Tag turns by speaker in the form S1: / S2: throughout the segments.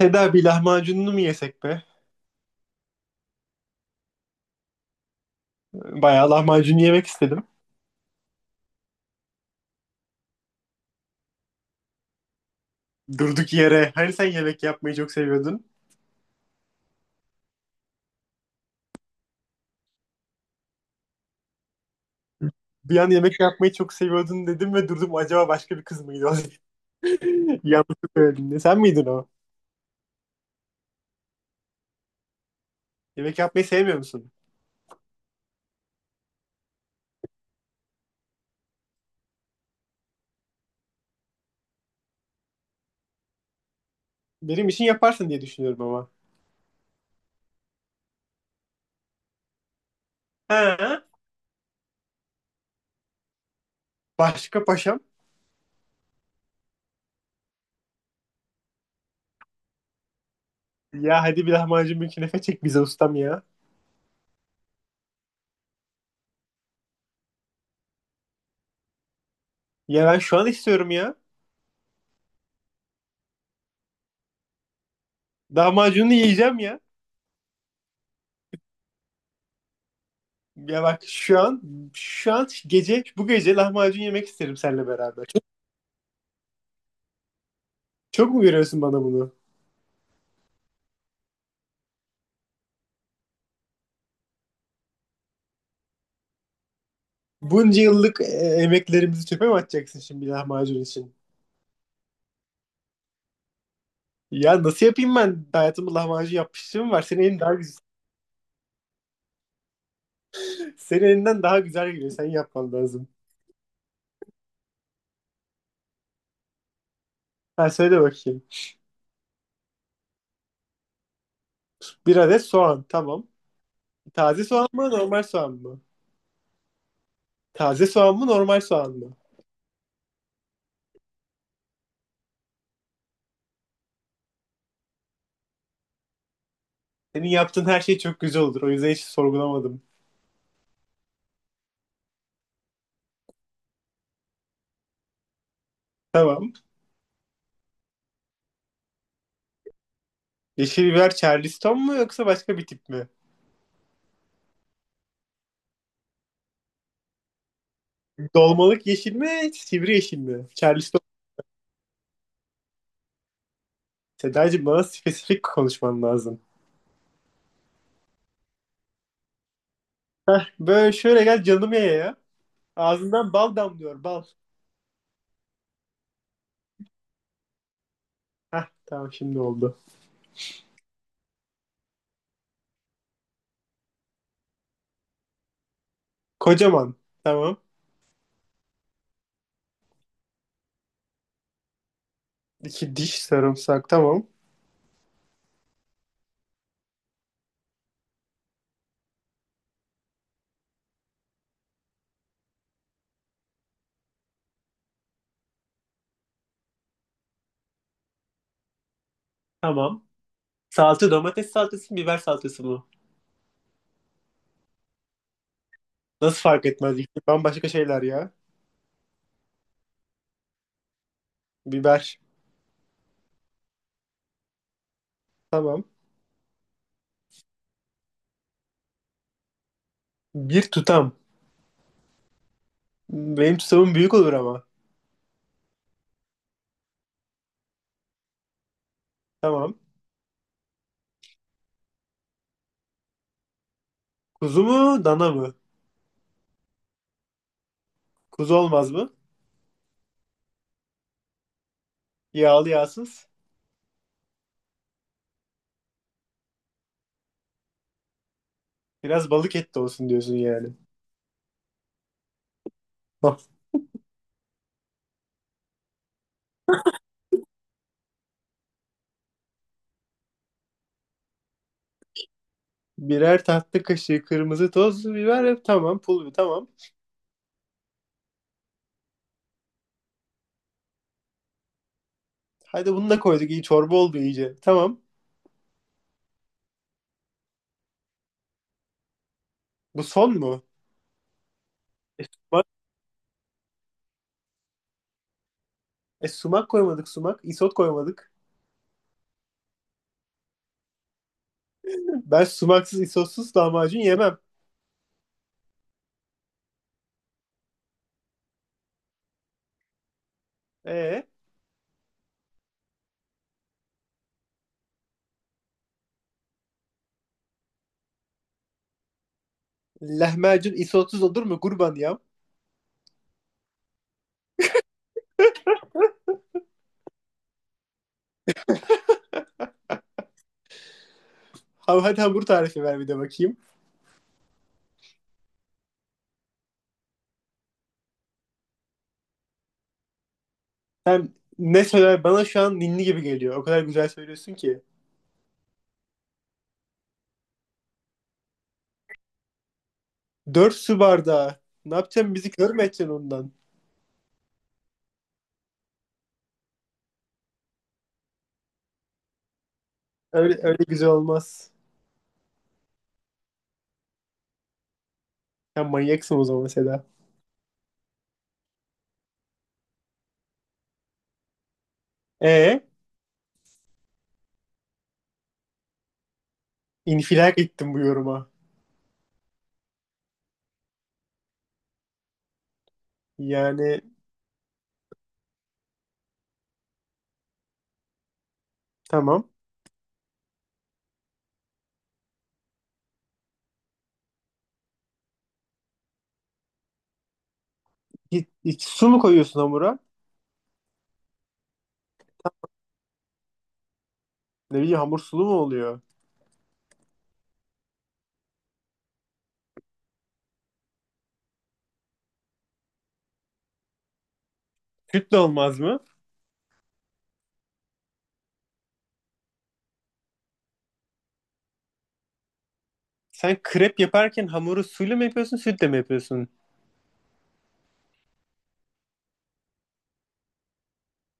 S1: Seda bir lahmacununu mu yesek be? Bayağı lahmacun yemek istedim. Durduk yere. Hani sen yemek yapmayı çok seviyordun. Bir an yemek yapmayı çok seviyordun dedim ve durdum, acaba başka bir kız mıydı o? Yanlış söyledin. Sen miydin o? Yemek yapmayı sevmiyor musun? Benim için yaparsın diye düşünüyorum ama. Ha? Başka paşam? Ya hadi bir lahmacun bir künefe çek bize ustam ya. Ya ben şu an istiyorum ya. Lahmacunu yiyeceğim ya. Ya bak şu an şu an gece, bu gece lahmacun yemek isterim seninle beraber. Çok mu veriyorsun bana bunu? Bunca yıllık emeklerimizi çöpe mi atacaksın şimdi bir lahmacun için? Ya nasıl yapayım ben? Hayatımda lahmacun yapmışlığım var. Senin elin daha güzel. Senin elinden daha güzel geliyor. Sen yapman lazım. Ha, söyle bakayım. Bir adet soğan. Tamam. Taze soğan mı, normal soğan mı? Taze soğan mı, normal soğan mı? Senin yaptığın her şey çok güzel olur. O yüzden hiç sorgulamadım. Tamam. Yeşil biber Charleston mu yoksa başka bir tip mi? Dolmalık yeşil mi, sivri yeşil mi? Charleston. Sedacığım, bana spesifik konuşman lazım. Heh, böyle şöyle gel canım ye ya. Ağzından bal damlıyor, bal. Heh, tamam şimdi oldu. Kocaman. Tamam. İki diş sarımsak, tamam. Tamam. Salça domates salçası mı, biber salçası mı? Nasıl fark etmez? İkisi bambaşka şeyler ya. Biber. Tamam. Bir tutam. Benim tutamım büyük olur ama. Tamam. Kuzu mu, dana mı? Kuzu olmaz mı? Yağlı, yağsız. Biraz balık et de olsun diyorsun yani. Hah. Birer tatlı kaşığı kırmızı toz biber. Tamam. Pul biber. Tamam. Hadi bunu da koyduk. İyi çorba oldu iyice. Tamam. Bu son mu? Sumak, sumak koymadık, sumak. Isot koymadık. Ben sumaksız, isotsuz lahmacun yemem. E Lahmacun isotsuz olur mu kurban ya? Hadi hamur tarifi ver bir de bakayım. Sen ne söyler bana şu an ninni gibi geliyor. O kadar güzel söylüyorsun ki. Dört su bardağı. Ne yapacaksın, bizi kör mü edeceksin ondan? Öyle, öyle güzel olmaz. Sen manyaksın o zaman Seda. E infilak ettim bu yoruma. Yani tamam. Su mu koyuyorsun hamura? Ne bileyim, hamur sulu mu oluyor? Süt de olmaz mı? Sen krep yaparken hamuru suyla mı yapıyorsun, sütle mi yapıyorsun?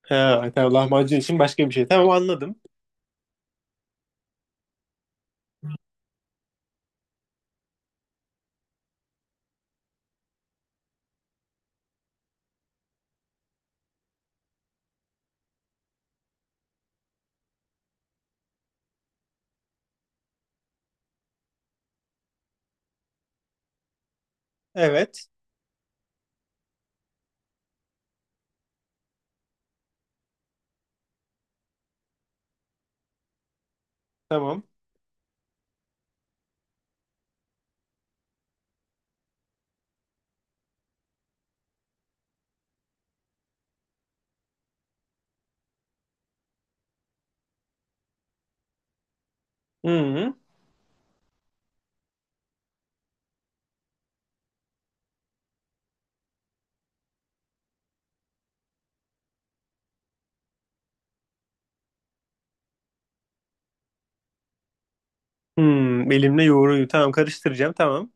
S1: Ha, tamam, lahmacun için başka bir şey. Tamam, anladım. Evet, tamam. Hı-hı. Hmm, elimle yoğuruyu tamam, karıştıracağım tamam.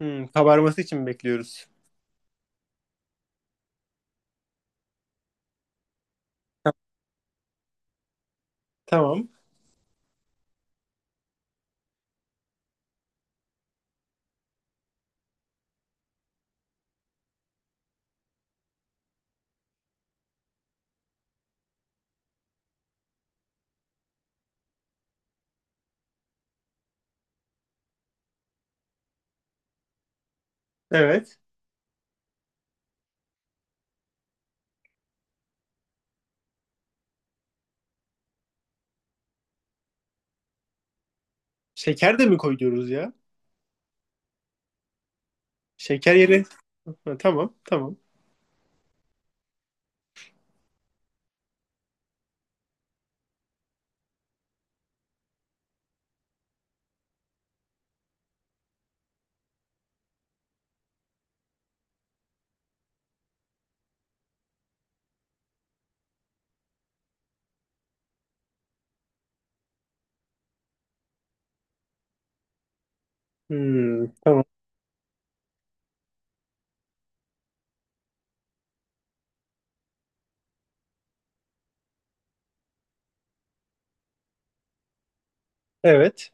S1: Hmm, kabarması için mi bekliyoruz? Ta- Tamam. Evet. Şeker de mi koyuyoruz ya? Şeker yeri. Ha, tamam, tamam. Hmm, tamam. Evet.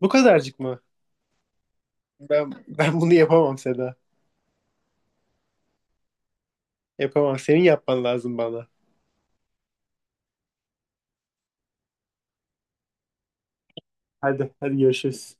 S1: Bu kadarcık mı? Ben bunu yapamam Seda. Yapamam. Senin yapman lazım bana. Hadi, hadi görüşürüz.